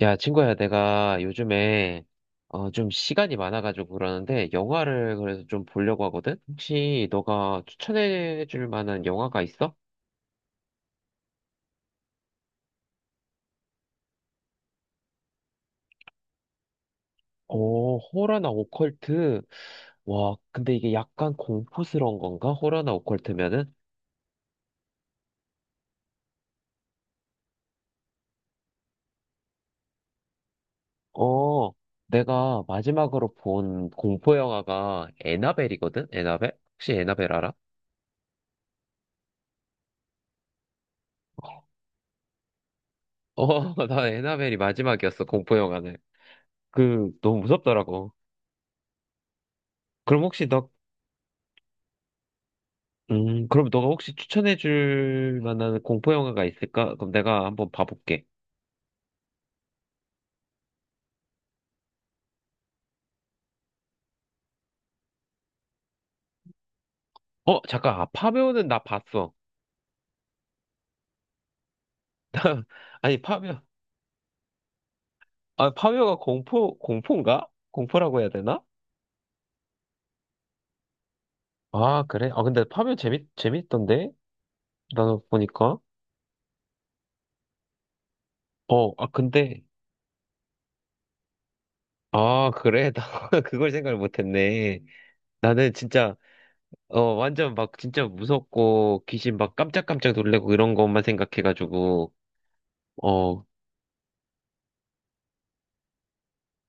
야, 친구야, 내가 요즘에 좀 시간이 많아가지고 그러는데 영화를 그래서 좀 보려고 하거든? 혹시 너가 추천해줄 만한 영화가 있어? 어, 호러나 오컬트. 와, 근데 이게 약간 공포스러운 건가? 호러나 오컬트면은? 어, 내가 마지막으로 본 공포 영화가 애나벨이거든? 애나벨? 혹시 애나벨 알아? 어, 나 애나벨이 마지막이었어, 공포 영화는. 그, 너무 무섭더라고. 그럼 혹시 너 그럼 너가 혹시 추천해줄 만한 공포 영화가 있을까? 그럼 내가 한번 봐볼게. 어, 잠깐, 아, 파묘는 나 봤어. 나, 아니, 파묘, 아, 파묘가 공포인가? 공포라고 해야 되나? 아, 그래? 아, 근데 파묘 재밌던데? 나 보니까. 어, 아, 근데, 아, 그래? 나 그걸 생각을 못했네. 나는 진짜, 어, 완전 막 진짜 무섭고, 귀신 막 깜짝깜짝 놀래고 이런 것만 생각해가지고, 어,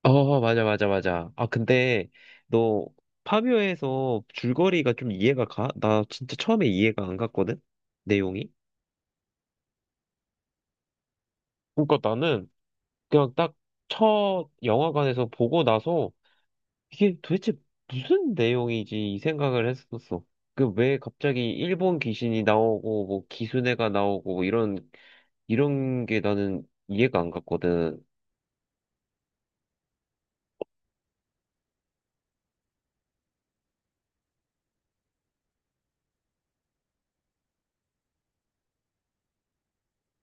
어, 맞아. 아, 근데 너 파비오에서 줄거리가 좀 이해가 가? 나 진짜 처음에 이해가 안 갔거든? 내용이? 그러니까 나는 그냥 딱 첫 영화관에서 보고 나서 이게 도대체 무슨 내용이지 이 생각을 했었어. 그 왜 갑자기 일본 귀신이 나오고 뭐 기수네가 나오고 뭐 이런 게 나는 이해가 안 갔거든.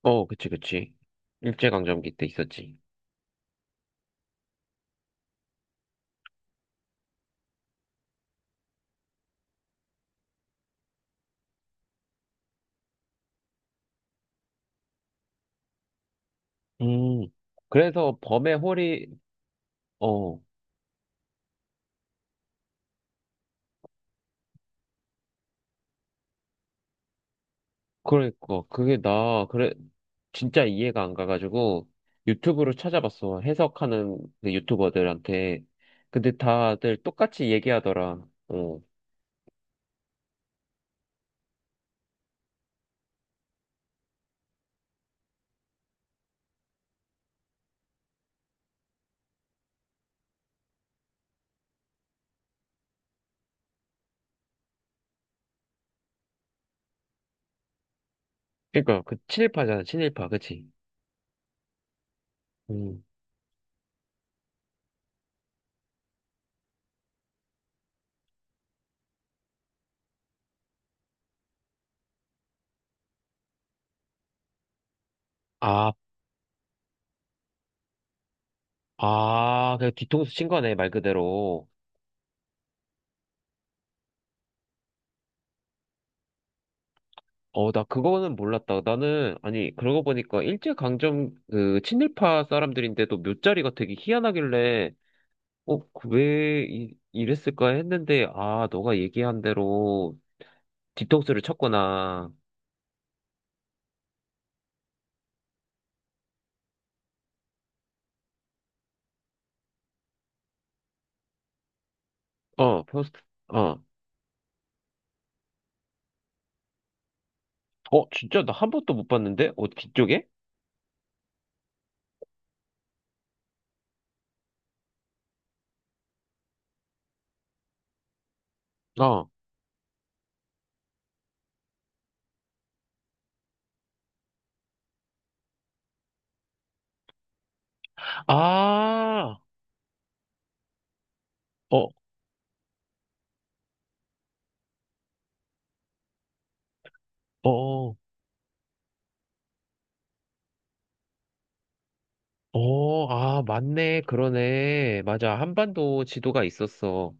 어, 그치. 일제강점기 때 있었지. 음. 그래서 범의 허리 어, 그러니까. 그게 나, 그래, 진짜 이해가 안 가가지고 유튜브로 찾아봤어. 해석하는 그 유튜버들한테. 근데 다들 똑같이 얘기하더라. 어. 그러니까 그 친일파잖아, 친일파. 그치? 음. 아, 아, 그 뒤통수 친 거네, 말 그대로. 어, 나 그거는 몰랐다. 나는, 아니, 그러고 보니까 일제강점, 그, 친일파 사람들인데도 묫자리가 되게 희한하길래 어, 그왜 이, 이랬을까 했는데, 아, 너가 얘기한 대로 디톡스를 쳤구나. 어, 포스트, 어, 어, 진짜 나 한 번도 못 봤는데? 어, 뒤쪽에? 어. 아, 어, 어, 아, 맞네. 그러네. 맞아. 한반도 지도가 있었어.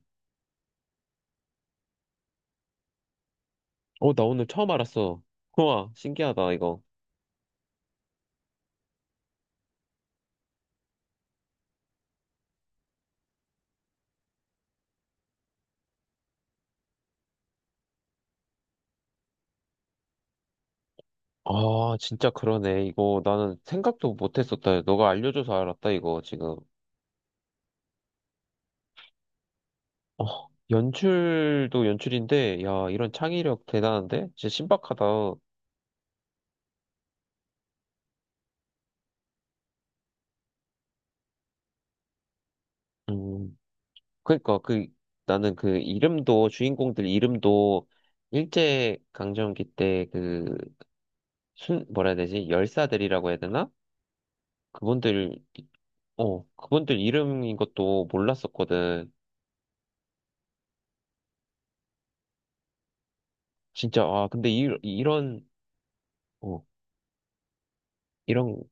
어, 나 오늘 처음 알았어. 우와, 신기하다, 이거. 아, 진짜 그러네. 이거 나는 생각도 못 했었다. 너가 알려줘서 알았다, 이거 지금. 어, 연출도 연출인데, 야, 이런 창의력 대단한데? 진짜 신박하다. 음, 그러니까 그 나는 그 이름도 주인공들 이름도 일제 강점기 때 그 순 뭐라 해야 되지? 열사들이라고 해야 되나? 그분들 어, 그분들 이름인 것도 몰랐었거든. 진짜 아, 근데 이, 이런 어, 이런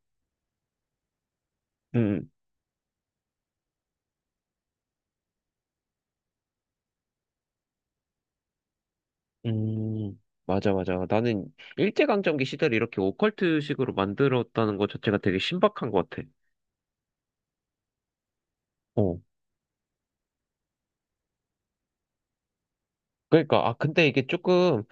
음, 음, 맞아, 맞아. 나는 일제강점기 시대를 이렇게 오컬트식으로 만들었다는 것 자체가 되게 신박한 것 같아. 어. 그러니까, 아, 근데 이게 조금,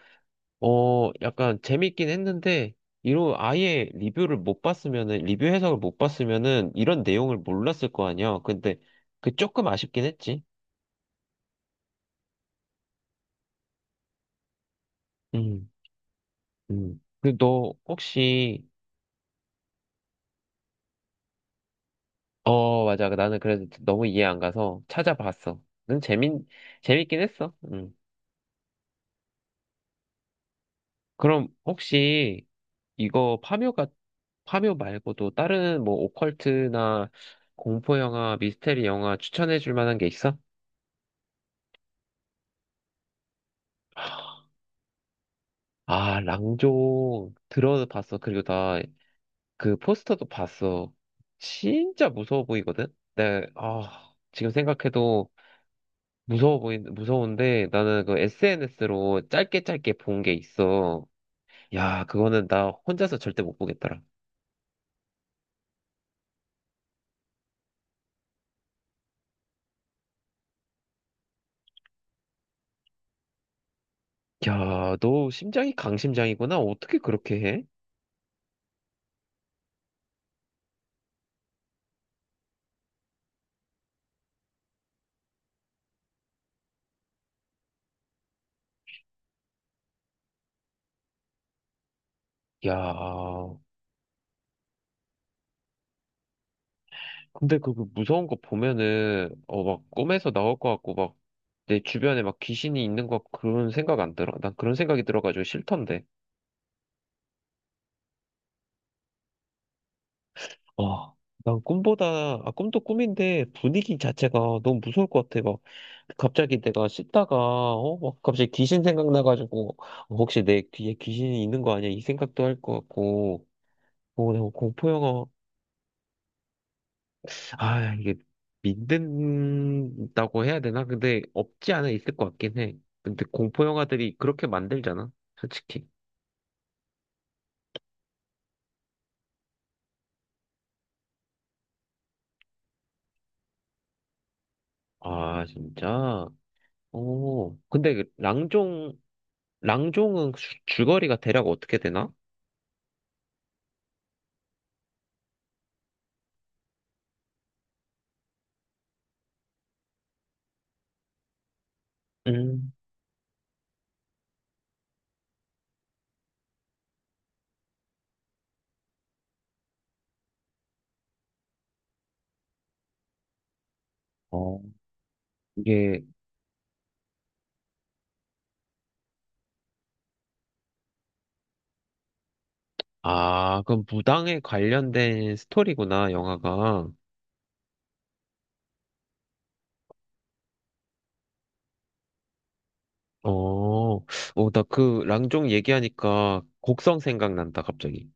어, 약간 재밌긴 했는데, 이로 아예 리뷰를 못 봤으면은, 리뷰 해석을 못 봤으면은, 이런 내용을 몰랐을 거 아니야. 근데, 그 조금 아쉽긴 했지. 음, 그리고 너 혹시, 어, 맞아. 나는 그래도 너무 이해 안 가서 찾아봤어. 는 재밌긴 했어. 응. 그럼 혹시 이거 파묘가 파묘 말고도 다른 뭐 오컬트나 공포 영화, 미스테리 영화 추천해 줄 만한 게 있어? 아, 랑종 들어봤어. 그리고 나 그 포스터도 봤어. 진짜 무서워 보이거든. 네, 아, 지금 생각해도 무서워 보인 무서운데 나는 그 SNS로 짧게 짧게 본 게 있어. 야, 그거는 나 혼자서 절대 못 보겠더라. 야, 너 심장이 강심장이구나. 어떻게 그렇게 해? 야, 근데 그그 무서운 거 보면은, 어, 막 꿈에서 나올 것 같고, 막 내 주변에 막 귀신이 있는 것 같고 그런 생각 안 들어? 난 그런 생각이 들어가지고 싫던데. 아, 난 꿈보다, 아, 꿈도 꿈인데 분위기 자체가 너무 무서울 것 같아. 막 갑자기 내가 씻다가, 어, 막 갑자기 귀신 생각나가지고, 어, 혹시 내 귀에 귀신이 있는 거 아니야? 이 생각도 할 것 같고, 어, 내가 공포 영화 아, 이게 믿는다고 해야 되나? 근데 없지 않아 있을 것 같긴 해. 근데 공포 영화들이 그렇게 만들잖아, 솔직히. 아, 진짜? 오, 근데 그 랑종, 랑종은 줄거리가 대략 어떻게 되나? 음. 어, 이게, 아, 그럼 무당에 관련된 스토리구나, 영화가. 어, 어, 나 그 랑종 얘기하니까 곡성 생각난다, 갑자기.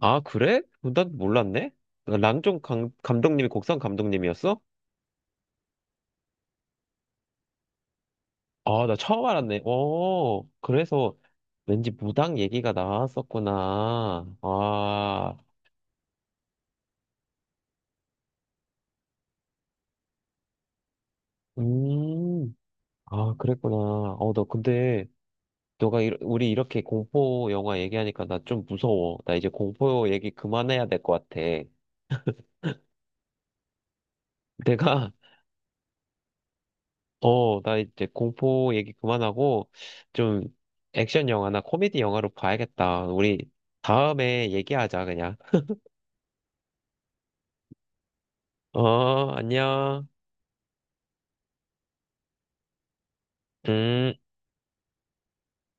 아, 그래? 난 몰랐네? 랑종 감독님이 곡성 감독님이었어? 아, 나 처음 알았네. 어, 그래서 왠지 무당 얘기가 나왔었구나. 아, 음, 아, 그랬구나. 어, 너 근데, 너가, 이, 우리 이렇게 공포 영화 얘기하니까 나 좀 무서워. 나 이제 공포 얘기 그만해야 될 것 같아. 내가 어, 나 이제 공포 얘기 그만하고 좀 액션 영화나 코미디 영화로 봐야겠다. 우리 다음에 얘기하자, 그냥. 어, 안녕. 음.